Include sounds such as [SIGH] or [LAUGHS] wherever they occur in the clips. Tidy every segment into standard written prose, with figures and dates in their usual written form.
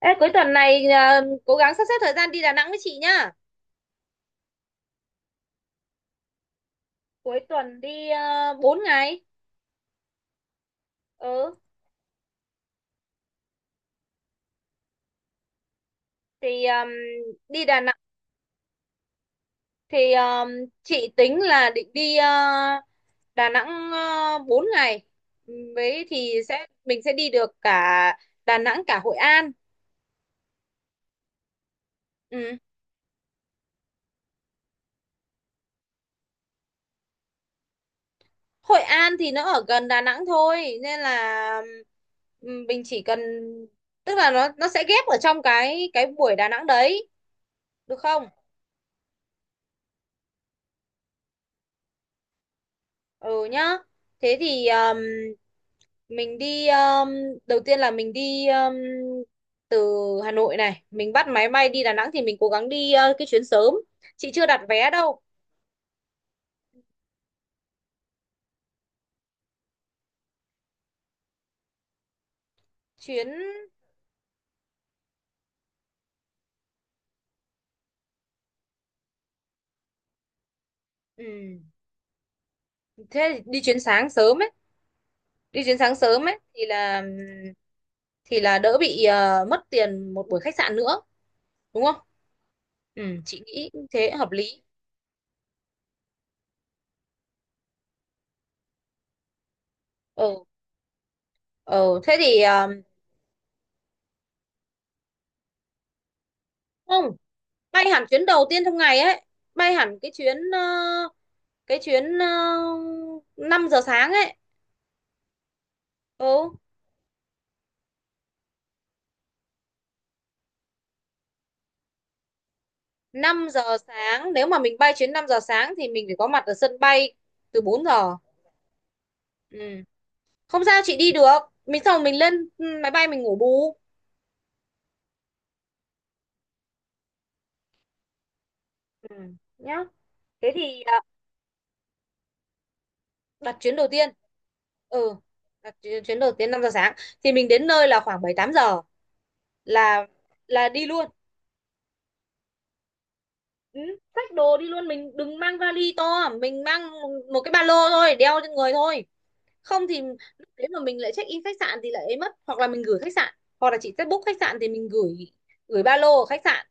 Ê, cuối tuần này à, cố gắng sắp xếp thời gian đi Đà Nẵng với chị nhá. Cuối tuần đi 4 ngày. Ừ, thì đi Đà Nẵng thì chị tính là định đi à, Đà Nẵng 4 ngày. Ừ, với thì mình sẽ đi được cả Đà Nẵng cả Hội An. Ừ. Hội An thì nó ở gần Đà Nẵng thôi nên là mình chỉ cần, tức là nó sẽ ghép ở trong cái buổi Đà Nẵng đấy, được không? Ừ nhá. Thế thì mình đi đầu tiên là mình đi từ Hà Nội này, mình bắt máy bay đi Đà Nẵng thì mình cố gắng đi cái chuyến sớm. Chị chưa đặt vé đâu. Chuyến ừ, Thế thì đi chuyến sáng sớm ấy, đi chuyến sáng sớm ấy thì là đỡ bị mất tiền một buổi khách sạn nữa, đúng không? Ừ, chị nghĩ thế hợp lý. Ừ, ừ, thế thì không, bay hẳn chuyến đầu tiên trong ngày ấy, bay hẳn cái chuyến 5 giờ sáng ấy. ừ 5 giờ sáng, nếu mà mình bay chuyến 5 giờ sáng thì mình phải có mặt ở sân bay từ 4 giờ. Ừ, không sao, chị đi được. Mình xong rồi mình lên máy bay mình ngủ bù. Ừ. Nhá, thế thì đặt chuyến đầu tiên. ừ Đặt chuyến chuyến đầu tiên 5 giờ sáng thì mình đến nơi là khoảng 7 8 giờ là là đi luôn. Ừ, xách đồ đi luôn, mình đừng mang vali to, mình mang một cái ba lô thôi, đeo trên người thôi, không thì lúc đấy mà mình lại check in khách sạn thì lại ấy mất, hoặc là mình gửi khách sạn, hoặc là chị sẽ book khách sạn thì mình gửi gửi ba lô ở khách sạn.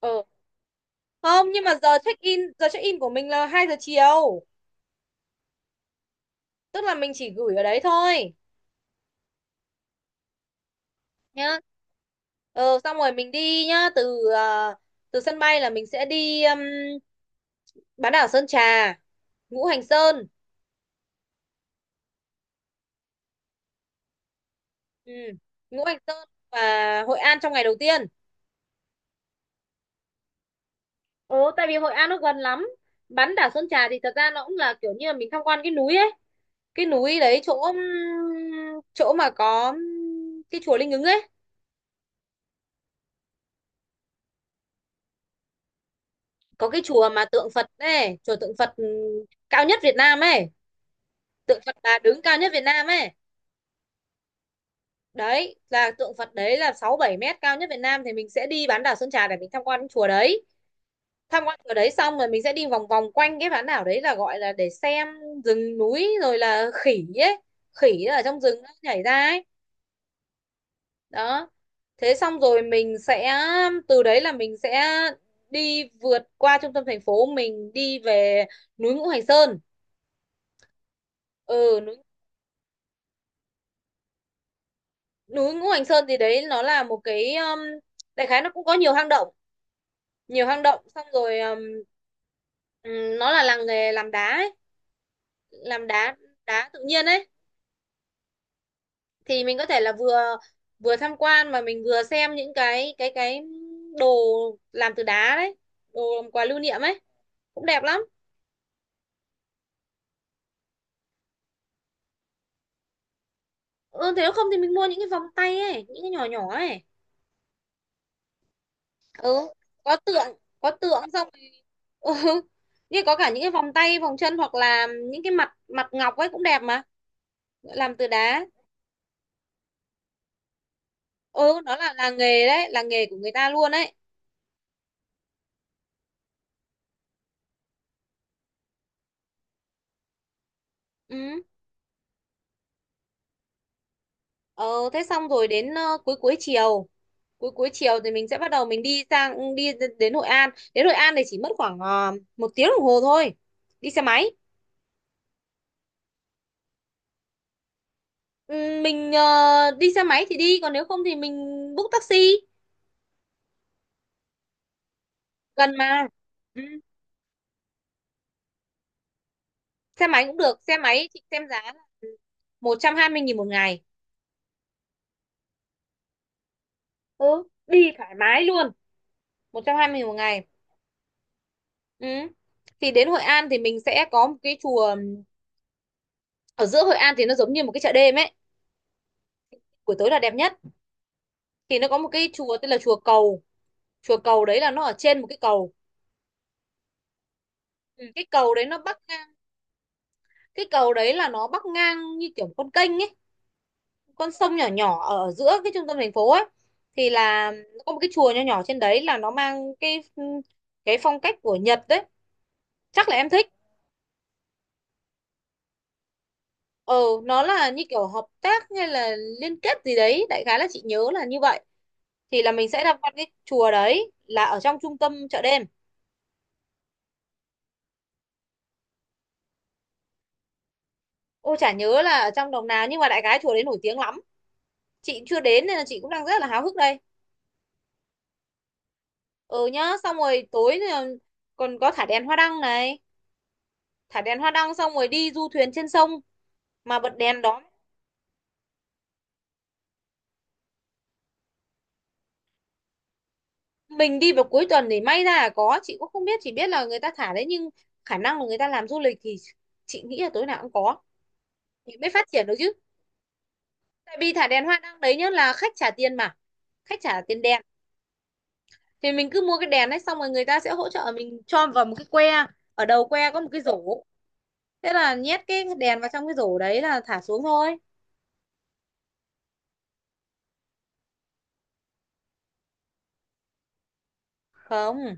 ờ Không, nhưng mà giờ check in của mình là 2 giờ chiều, tức là mình chỉ gửi ở đấy thôi, nhá. Xong rồi mình đi nhá, từ từ sân bay là mình sẽ đi bán đảo Sơn Trà, Ngũ Hành Sơn. Ừ. Ngũ Hành Sơn và Hội An trong ngày đầu tiên. Ồ, tại vì Hội An nó gần lắm. Bán đảo Sơn Trà thì thật ra nó cũng là kiểu như là mình tham quan cái núi ấy, cái núi đấy, chỗ chỗ mà có cái chùa Linh Ứng ấy, có cái chùa mà tượng Phật ấy, chùa tượng Phật cao nhất Việt Nam ấy, tượng Phật là đứng cao nhất Việt Nam ấy. Đấy là tượng Phật đấy là 6 7 mét, cao nhất Việt Nam, thì mình sẽ đi bán đảo Sơn Trà để mình tham quan cái chùa đấy, tham quan ở đấy xong rồi mình sẽ đi vòng vòng quanh cái bán đảo đấy là gọi là để xem rừng núi rồi là khỉ ấy, khỉ ở trong rừng nó nhảy ra ấy, đó. Thế xong rồi mình sẽ, từ đấy là mình sẽ đi vượt qua trung tâm thành phố, mình đi về núi Ngũ Hành Sơn. Ừ núi, núi Ngũ Hành Sơn thì đấy nó là một cái, đại khái nó cũng có nhiều hang động, nhiều hang động, xong rồi nó là làng nghề làm đá ấy, làm đá, đá tự nhiên ấy. Thì mình có thể là vừa vừa tham quan mà mình vừa xem những cái đồ làm từ đá đấy, đồ làm quà lưu niệm ấy, cũng đẹp lắm. Ừ, thế nếu không thì mình mua những cái vòng tay ấy, những cái nhỏ nhỏ ấy. Ừ, có tượng, có tượng xong rồi. [LAUGHS] Ừ, như có cả những cái vòng tay, vòng chân hoặc là những cái mặt mặt ngọc ấy, cũng đẹp mà, làm từ đá. Ừ, nó là nghề đấy, là nghề của người ta luôn ấy. Ừ. Ờ, thế xong rồi đến cuối cuối chiều, thì mình sẽ bắt đầu mình đi đến Hội An. Đến Hội An thì chỉ mất khoảng 1 tiếng đồng hồ thôi, đi xe máy. Ừ, mình đi xe máy thì đi, còn nếu không thì mình book taxi, gần mà. ừ, Xe máy cũng được, xe máy chị xem giá là 120.000 một ngày. Ừ, đi thoải mái luôn, 120.000 một ngày. Ừ. Thì đến Hội An thì mình sẽ có một cái chùa ở giữa Hội An, thì nó giống như một cái chợ đêm ấy, buổi tối là đẹp nhất. Thì nó có một cái chùa tên là chùa Cầu, chùa Cầu đấy là nó ở trên một cái cầu. Ừ, cái cầu đấy là nó bắc ngang như kiểu con kênh ấy, con sông nhỏ nhỏ ở giữa cái trung tâm thành phố ấy. Thì là nó có một cái chùa nhỏ nhỏ trên đấy, là nó mang cái phong cách của Nhật đấy, chắc là em thích. Ờ, nó là như kiểu hợp tác hay là liên kết gì đấy, đại khái là chị nhớ là như vậy. Thì là mình sẽ tham quan cái chùa đấy, là ở trong trung tâm chợ đêm. Ôi, chả nhớ là ở trong đồng nào, nhưng mà đại khái chùa đấy nổi tiếng lắm, chị chưa đến nên là chị cũng đang rất là háo hức đây. Ừ nhá, xong rồi tối thì còn có thả đèn hoa đăng này, thả đèn hoa đăng xong rồi đi du thuyền trên sông mà bật đèn đó. Mình đi vào cuối tuần thì may ra là có, chị cũng không biết, chỉ biết là người ta thả đấy, nhưng khả năng là người ta làm du lịch thì chị nghĩ là tối nào cũng có thì mới phát triển được chứ. Tại vì thả đèn hoa đăng đấy nhá, là khách trả tiền mà, khách trả tiền đèn thì mình cứ mua cái đèn đấy, xong rồi người ta sẽ hỗ trợ mình cho vào một cái que, ở đầu que có một cái rổ, thế là nhét cái đèn vào trong cái rổ đấy là thả xuống thôi. Không.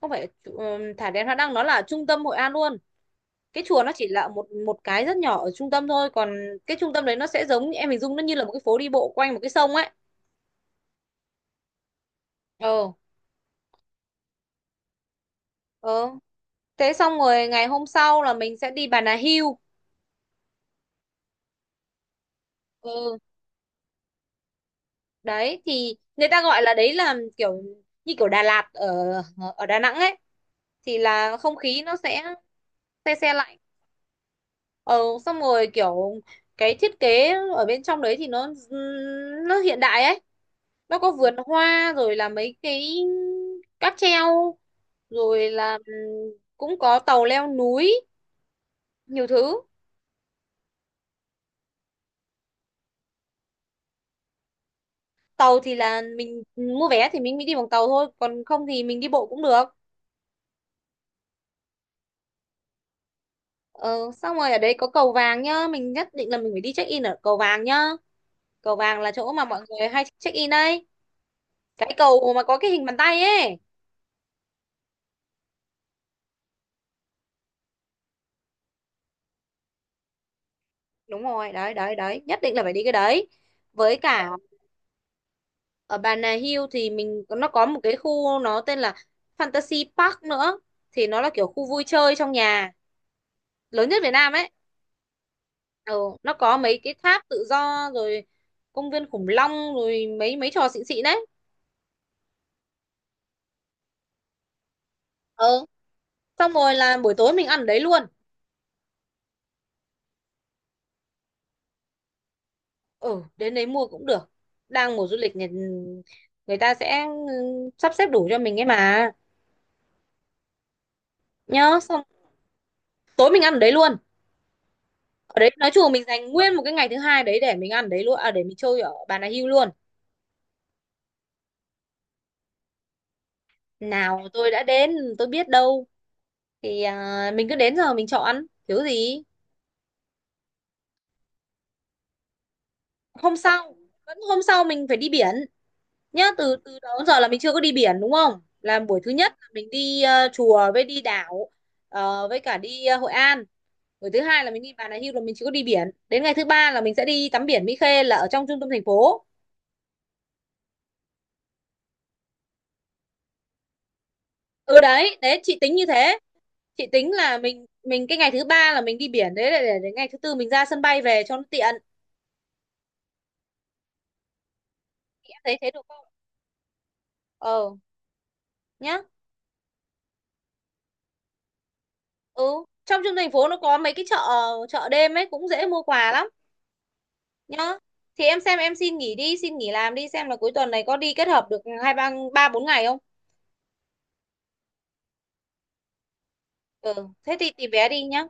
Thả đèn hoa đăng nó là trung tâm Hội An luôn, cái chùa nó chỉ là một một cái rất nhỏ ở trung tâm thôi, còn cái trung tâm đấy nó sẽ giống, em hình dung nó như là một cái phố đi bộ quanh một cái sông ấy. Ờ, ờ, thế xong rồi ngày hôm sau là mình sẽ đi Bà Nà Hill. Ừ, đấy thì người ta gọi là đấy là kiểu như kiểu Đà Lạt ở ở Đà Nẵng ấy, thì là không khí nó sẽ se se lạnh. ờ Xong rồi kiểu cái thiết kế ở bên trong đấy thì nó hiện đại ấy, nó có vườn hoa rồi là mấy cái cáp treo, rồi là cũng có tàu leo núi, nhiều thứ. Tàu thì là mình mua vé thì mình mới đi bằng tàu thôi, còn không thì mình đi bộ cũng được. Ờ, Xong rồi ở đấy có cầu vàng nhá, mình nhất định là mình phải đi check in ở cầu vàng nhá, cầu vàng là chỗ mà mọi người hay check in đấy, cái cầu mà có cái hình bàn tay ấy. Đúng rồi, đấy đấy đấy, nhất định là phải đi cái đấy. Với cả ở Bà Nà Hills thì mình, nó có một cái khu nó tên là Fantasy Park nữa, thì nó là kiểu khu vui chơi trong nhà lớn nhất Việt Nam ấy. Ừ, nó có mấy cái tháp tự do rồi công viên khủng long, rồi mấy mấy trò xịn xịn đấy. Ừ. Xong rồi là buổi tối mình ăn ở đấy luôn. Ừ, đến đấy mua cũng được, đang mùa du lịch, người ta sẽ sắp xếp đủ cho mình ấy mà. Nhớ, xong tối mình ăn ở đấy luôn, ở đấy nói chung mình dành nguyên một cái ngày thứ hai đấy để mình ăn đấy luôn, à, để mình chơi ở Bà Nà Hills luôn. Nào tôi đã đến tôi biết đâu, thì mình cứ đến giờ mình chọn, thiếu gì. hôm sau Hôm sau mình phải đi biển nhá, từ từ đó đến giờ là mình chưa có đi biển, đúng không, là buổi thứ nhất là mình đi chùa với đi đảo, với cả đi Hội An, buổi thứ hai là mình đi Bà Nà Hills, là mình chỉ có đi biển đến ngày thứ ba là mình sẽ đi tắm biển Mỹ Khê là ở trong trung tâm thành phố. Ừ, đấy đấy, chị tính như thế. Chị tính là mình cái ngày thứ ba là mình đi biển đấy để, đến ngày thứ tư mình ra sân bay về cho nó tiện. Chị em thấy thế được không. Ờ nhá. Ừ, trong trung thành phố nó có mấy cái chợ, chợ đêm ấy cũng dễ mua quà lắm. Nhá, thì em xem, em xin nghỉ đi, xin nghỉ làm đi, xem là cuối tuần này có đi kết hợp được 2-3, 3-4 ngày không. Ừ, thế thì tìm vé đi nhá.